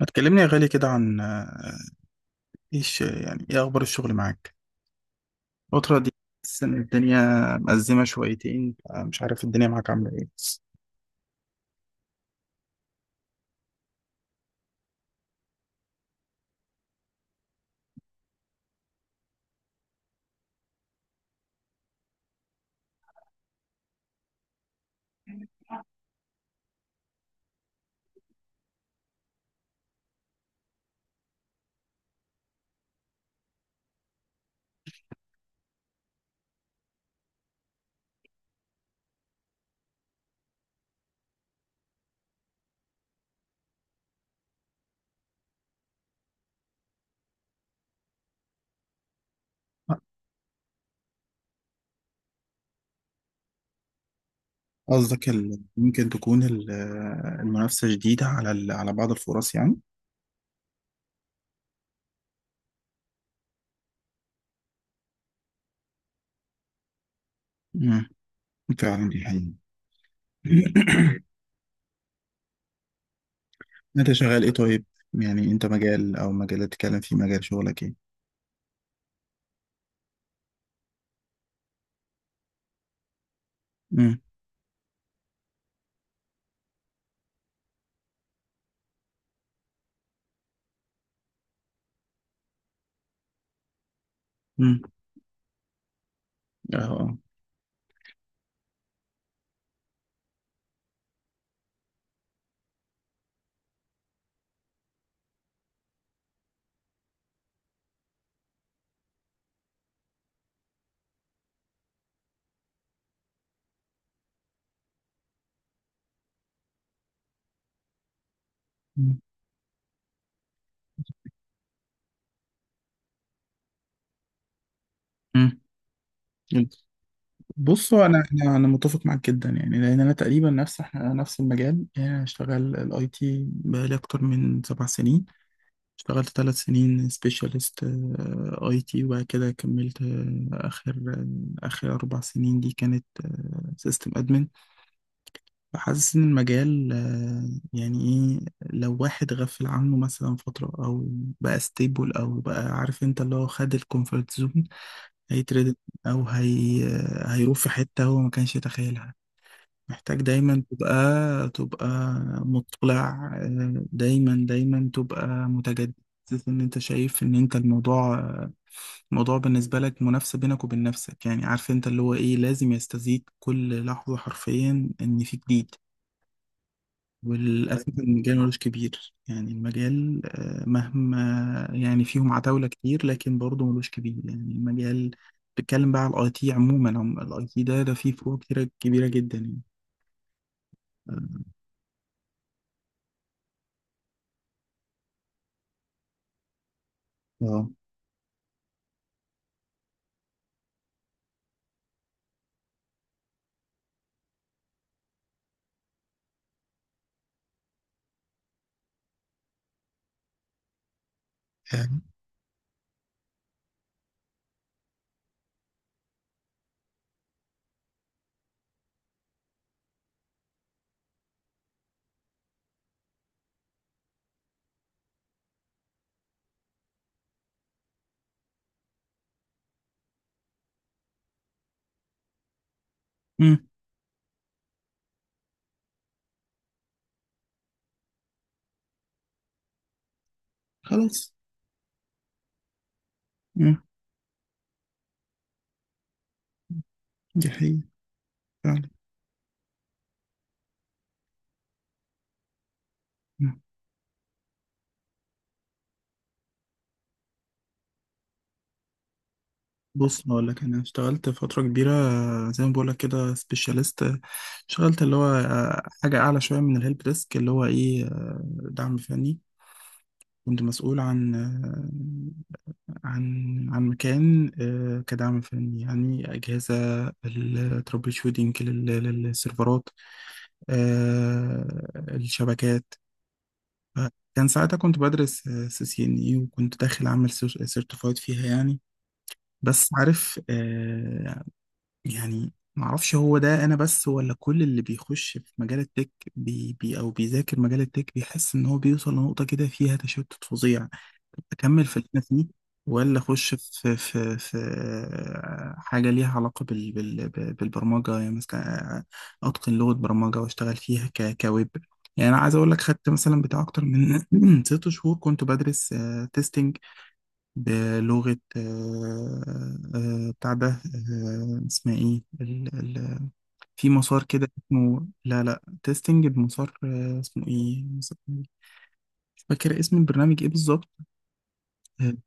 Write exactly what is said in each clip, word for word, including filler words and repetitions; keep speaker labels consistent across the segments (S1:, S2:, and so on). S1: ما تكلمني يا غالي كده عن آه، ايش يعني ايه اخبار الشغل معاك الفترة دي. حاسس ان الدنيا مأزمة شويتين، آه، مش عارف الدنيا معاك عاملة ايه. قصدك ال- ممكن تكون ال- آه، المنافسة شديدة على ال- على بعض الفرص يعني. امم فعلا دي حقيقة. انت شغال ايه طيب؟ يعني انت مجال او مجال تتكلم فيه، مجال شغلك ايه؟ امم. امم. اه. آه. مم. مم. بصوا، انا انا انا متفق معاك جدا، يعني لان انا تقريبا نفس، احنا نفس المجال. يعني انا شغال الاي تي بقالي اكتر من سبع سنين. اشتغلت ثلاث سنين سبيشالست اي تي، وبعد كده كملت، آه، اخر آه، اخر اربع سنين دي كانت سيستم ادمن. فحاسس ان المجال آه، يعني ايه، لو واحد غفل عنه مثلا فتره، او بقى ستيبل، او بقى عارف انت اللي هو خد الكومفورت زون، هيتردد. او هي، آه، هيروح في حته هو ما كانش يتخيلها. محتاج دايما تبقى، تبقى مطلع، آه، دايما دايما تبقى متجدد. ان انت شايف ان انت الموضوع، الموضوع بالنسبة لك منافسة بينك وبين نفسك. يعني عارف انت اللي هو ايه، لازم يستزيد كل لحظة حرفيا ان في جديد. وللأسف المجال ملوش كبير، يعني المجال آه، مهما، يعني فيهم عتاولة كتير لكن برضه ملوش كبير يعني المجال. بتكلم بقى على الاي تي عموما، الاي تي ده ده فيه فروق كتيرة كبيرة جدا يعني. اه. آه. مم. خلاص. مم. دي حقيقة. فعلا. مم. بص أنا أقول لك، أنا اشتغلت فترة كبيرة، زي ما بقول لك كده سبيشاليست. اشتغلت اللي هو آه، حاجة أعلى شوية من الهيلب ديسك، اللي هو إيه، آه، دعم فني. كنت مسؤول عن آه، عن عن مكان، آه، كدعم فني، يعني أجهزة الترابل شوتنج للسيرفرات، آه، الشبكات. كان ساعتها كنت بدرس سي سي ان اي، وكنت داخل اعمل سيرتيفايد فيها يعني. بس عارف، آه، يعني معرفش هو ده انا بس، ولا كل اللي بيخش في مجال التك، بي بي او بيذاكر مجال التك، بيحس ان هو بيوصل لنقطة كده فيها تشتت فظيع. اكمل في اللي انا فيه، ولا اخش في في في حاجه ليها علاقه بال بال بالبرمجه يعني. مثلا اتقن لغه برمجه واشتغل فيها ك كويب. يعني انا عايز اقول لك، خدت مثلا بتاع اكتر من ست شهور كنت بدرس تيستنج بلغه، آه، آه، بتاع ده آه، اسمها ايه ال- ال- في مسار كده اسمه، لا لا تيستنج بمسار، آه، اسمه ايه، مسار- مش فاكر اسم البرنامج ايه بالظبط.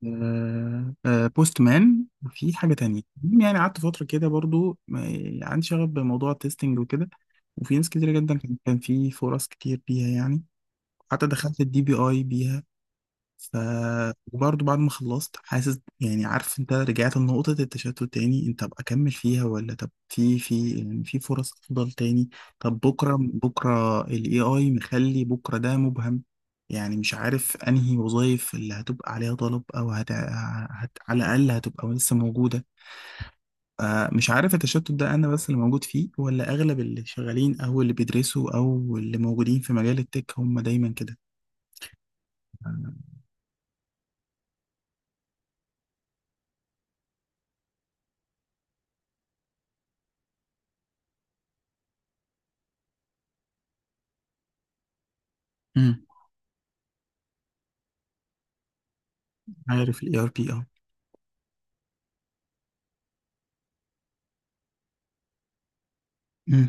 S1: آه، آه، بوست مان وفي حاجة تانية. المهم يعني قعدت فترة كده برضو، ما- يعني عندي شغف بموضوع التستنج وكده. وفي ناس كتير جدا كان، كان في فرص كتير بيها يعني. حتى دخلت الدي بي اي بيها. ف... وبرضه بعد ما خلصت حاسس، يعني عارف انت، رجعت لنقطة التشتت تاني. انت ابقى اكمل فيها، ولا طب في في يعني في فرص افضل تاني. طب بكرة، بكرة ال إيه آي مخلي بكرة ده مبهم. يعني مش عارف انهي وظائف اللي هتبقى عليها طلب، او هت... هت... على الاقل هتبقى لسه موجودة. آه، مش عارف التشتت ده انا بس اللي موجود فيه، ولا اغلب اللي شغالين او اللي بيدرسوا او اللي موجودين في مجال التك هم دايما كده. آه. مم. عارف الاي ار بي. اه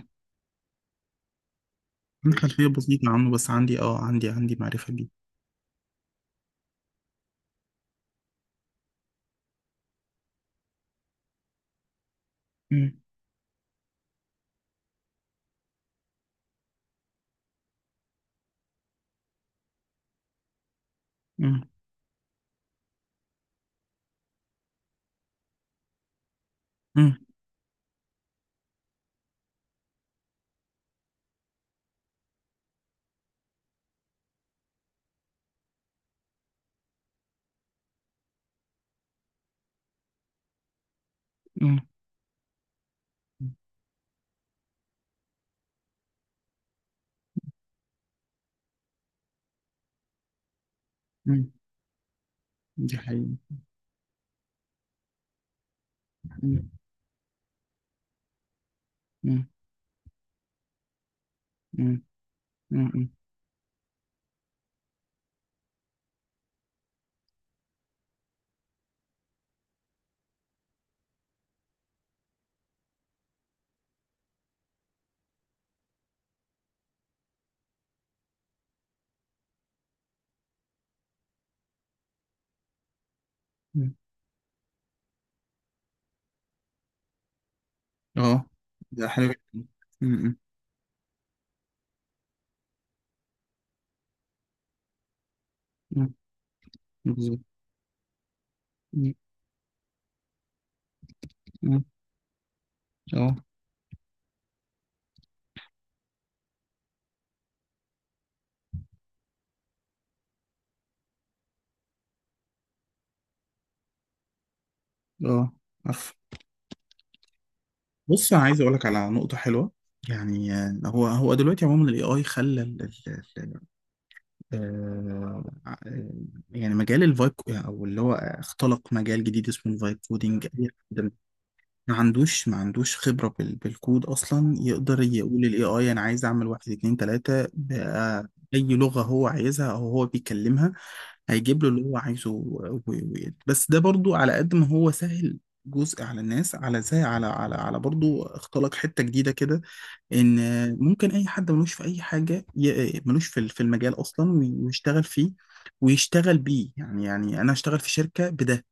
S1: عندي خلفية بسيطة عنه، بس عندي اه عندي عندي معرفة بيه. مم. مم. مم. مم. مم. دي حقيقة. مم. مم. مم. مم. مم. اه. ده حلو جدا. مم. مم. بالظبط. مم. مم. اه. اه. عارف. بص انا عايز اقول لك على نقطة حلوة. يعني آه، هو هو دلوقتي عموما الاي اي خلى ال- ال- ال- آه، آه، يعني مجال الفايب، او اللي هو اختلق مجال جديد اسمه الفايب كودينج. ما عندوش ما عندوش خبرة بال... بالكود أصلا، يقدر يقول ال إيه آي أنا عايز أعمل واحد اتنين تلاتة بأي لغة هو عايزها أو هو بيكلمها. هيجيب له اللي هو عايزه و- و- و- بس ده برضو على قد ما هو سهل، جزء على الناس، على زي على على على برضو اختلق حتة جديدة كده. ان ممكن اي حد ملوش في اي حاجه، ي- ملوش في في المجال اصلا، وي- ويشتغل فيه، ويشتغل بيه. يعني يعني انا اشتغل في شركه بده.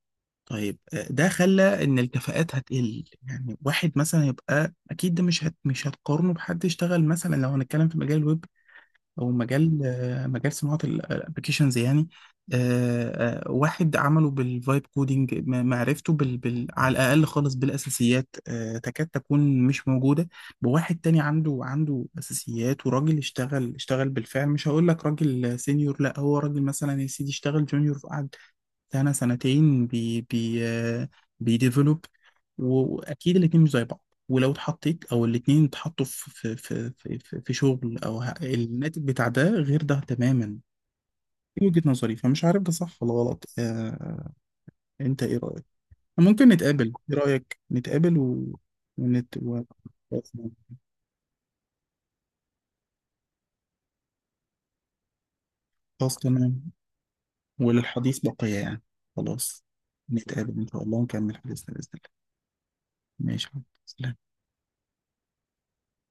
S1: طيب، آه، ده خلى ان الكفاءات هتقل. يعني واحد مثلا يبقى، اكيد ده مش هت مش هتقارنه بحد يشتغل. مثلا لو هنتكلم في مجال الويب، او مجال، آه، مجال صناعه الابلكيشنز يعني. آه، آه، واحد عمله بالفايب كودينج، م- معرفته بال... بال... على الاقل خالص بالاساسيات، آه، تكاد تكون مش موجوده. بواحد تاني عنده، عنده اساسيات وراجل اشتغل، اشتغل بالفعل. مش هقول لك راجل سينيور، لا، هو راجل مثلا يا سيدي اشتغل جونيور بتاعنا سنتين بي بي آه، بيديفلوب. و- واكيد الاتنين مش زي بعض. ولو اتحطيت، او الاتنين اتحطوا في في في في, في في شغل، او ه- الناتج بتاع ده غير ده تماما. دي وجهة نظري، فمش عارف ده صح ولا غلط. آه، انت ايه رأيك؟ ممكن نتقابل، ايه رأيك نتقابل و... ونت... و... خلاص تمام. وللحديث بقية يعني. خلاص. نتقابل ان شاء الله ونكمل حديثنا بإذن الله. ماشي يا حبيبي. سلام.